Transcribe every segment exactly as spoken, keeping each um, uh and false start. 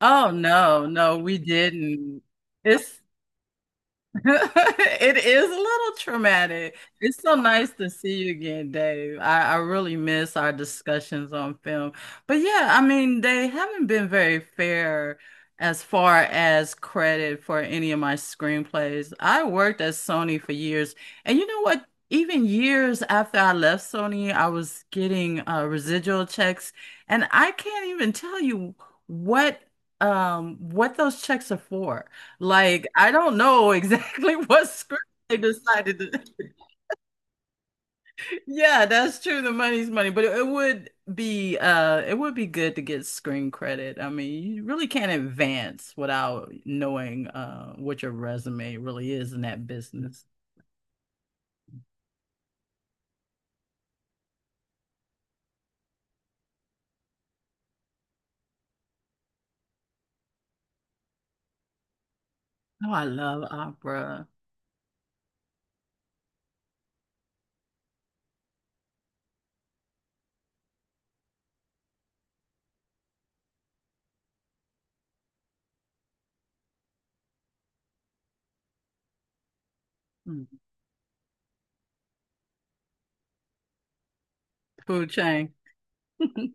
Oh no, no, we didn't. It's It is a little traumatic. It's so nice to see you again, Dave. I, I really miss our discussions on film. But yeah, I mean, they haven't been very fair as far as credit for any of my screenplays. I worked at Sony for years, and you know what? Even years after I left Sony, I was getting uh, residual checks, and I can't even tell you what um what those checks are for. Like, I don't know exactly what script they decided to. Yeah, that's true. The money's money, but it, it would be uh it would be good to get screen credit. I mean, you really can't advance without knowing uh what your resume really is in that business. Oh, I love opera. Mm. Food chain.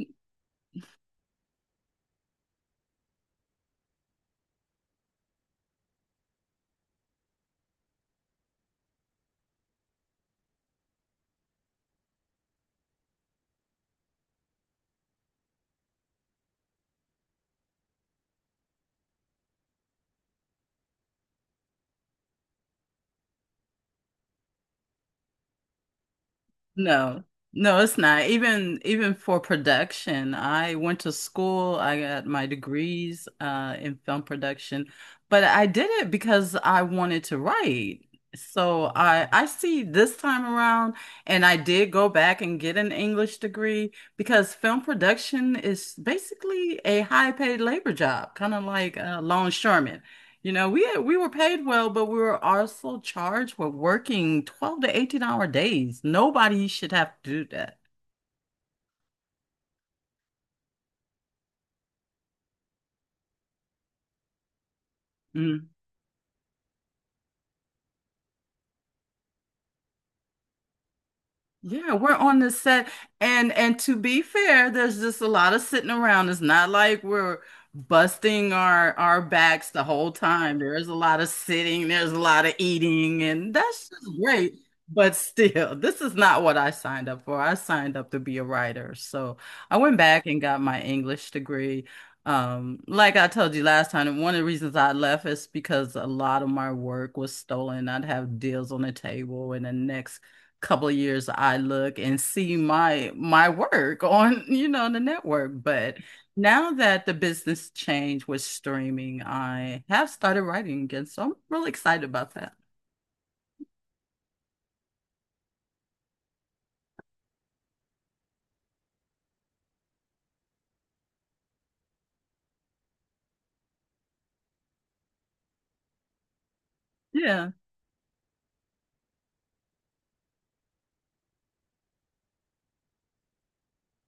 No, no, it's not. Even even for production, I went to school. I got my degrees uh, in film production, but I did it because I wanted to write. So I I see this time around, and I did go back and get an English degree because film production is basically a high paid labor job, kind of like a longshoreman. You know, we had, we were paid well, but we were also charged with working twelve to eighteen hour days. Nobody should have to do that. Mm. Yeah, we're on the set and and to be fair, there's just a lot of sitting around. It's not like we're busting our our backs the whole time. There's a lot of sitting, there's a lot of eating, and that's just great. But still, this is not what I signed up for. I signed up to be a writer. So I went back and got my English degree. Um, like I told you last time, one of the reasons I left is because a lot of my work was stolen. I'd have deals on the table, and the next couple of years I look and see my my work on, you know, the network. But now that the business change with streaming, I have started writing again. So I'm really excited about that. Yeah.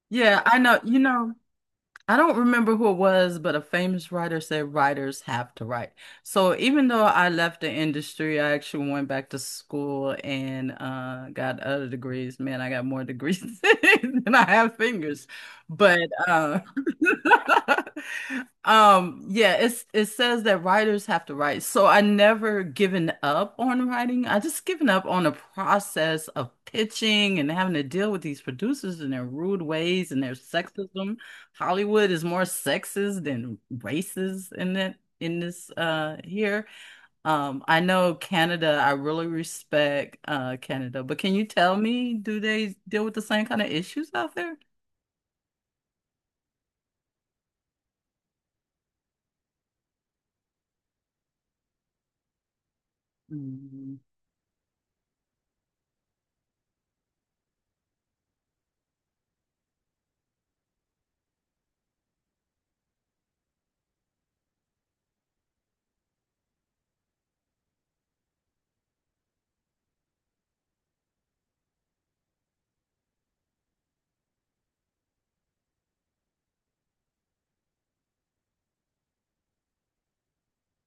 Yeah, I know. You know, I don't remember who it was, but a famous writer said writers have to write. So even though I left the industry, I actually went back to school and uh, got other degrees. Man, I got more degrees than I have fingers. But uh, um, yeah, it's it says that writers have to write. So I never given up on writing. I just given up on the process of pitching and having to deal with these producers and their rude ways and their sexism. Hollywood is more sexist than racist in it in this uh here. Um, I know Canada, I really respect uh Canada, but can you tell me, do they deal with the same kind of issues out there? Mm-hmm.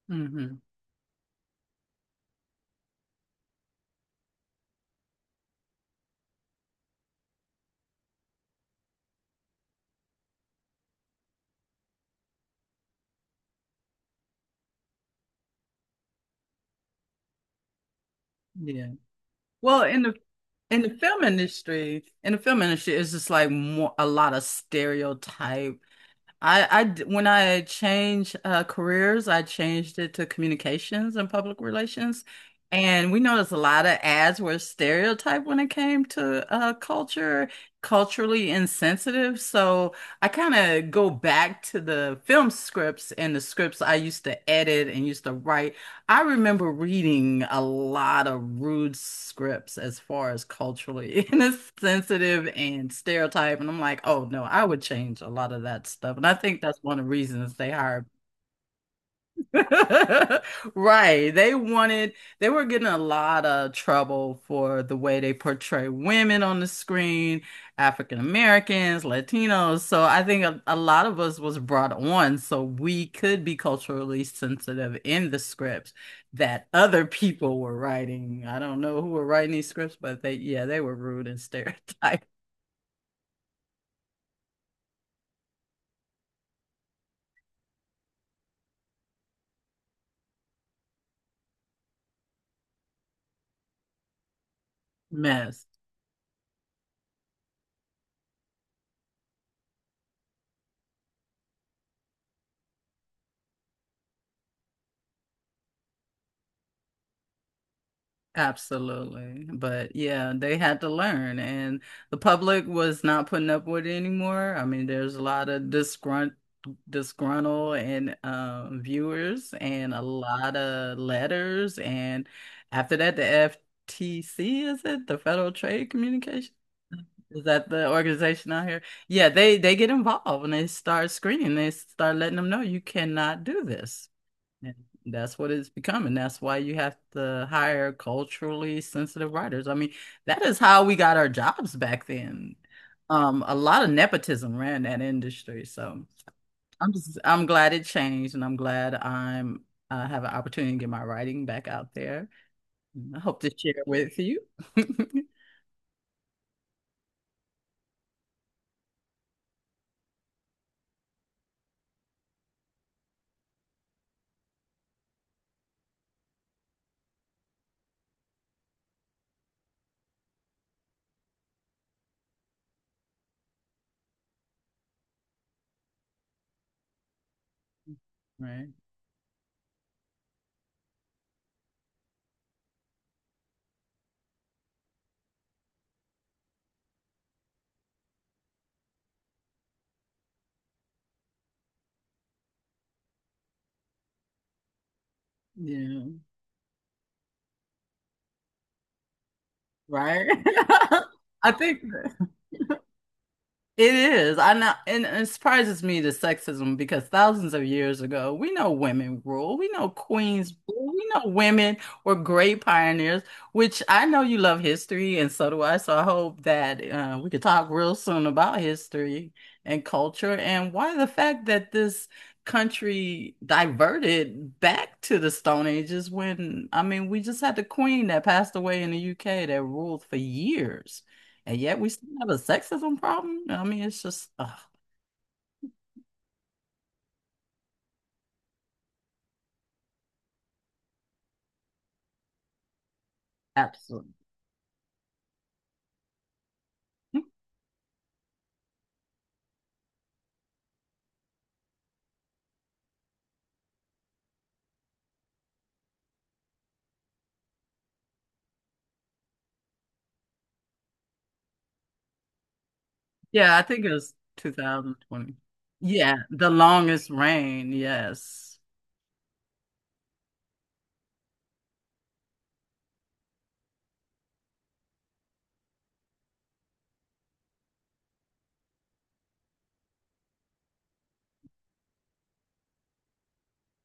Hmm. Yeah. Well, in the in the film industry, in the film industry, it's just like more a lot of stereotype. I, I d- when I changed uh, careers, I changed it to communications and public relations. And we noticed a lot of ads were stereotyped when it came to uh, culture, culturally insensitive. So I kind of go back to the film scripts and the scripts I used to edit and used to write. I remember reading a lot of rude scripts as far as culturally insensitive and stereotype, and I'm like, oh no, I would change a lot of that stuff. And I think that's one of the reasons they hired. Right. They wanted, they were getting a lot of trouble for the way they portray women on the screen, African Americans, Latinos. So I think a, a lot of us was brought on so we could be culturally sensitive in the scripts that other people were writing. I don't know who were writing these scripts, but they, yeah, they were rude and stereotype. Mess. Absolutely. But yeah, they had to learn, and the public was not putting up with it anymore. I mean, there's a lot of disgrunt disgruntled and um, viewers and a lot of letters. And after that, the F T C, is it? The Federal Trade Communication? Is that the organization out here? Yeah, they they get involved and they start screening. They start letting them know you cannot do this. And that's what it's becoming. That's why you have to hire culturally sensitive writers. I mean, that is how we got our jobs back then. Um, a lot of nepotism ran that industry. So I'm just I'm glad it changed, and I'm glad I'm I have an opportunity to get my writing back out there. I hope to share with you. Right. Yeah. Right. I think It is. I know, and it surprises me the sexism because thousands of years ago, we know women rule. We know queens rule. We know women were great pioneers, which I know you love history, and so do I. So I hope that uh, we could talk real soon about history and culture and why the fact that this country diverted back to the Stone Ages when, I mean, we just had the queen that passed away in the U K that ruled for years. And yet we still have a sexism problem. No, I mean, it's just ugh, absolutely. Yeah, I think it was twenty twenty. Yeah, the longest reign. Yes.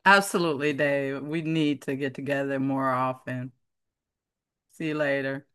Absolutely, Dave. We need to get together more often. See you later.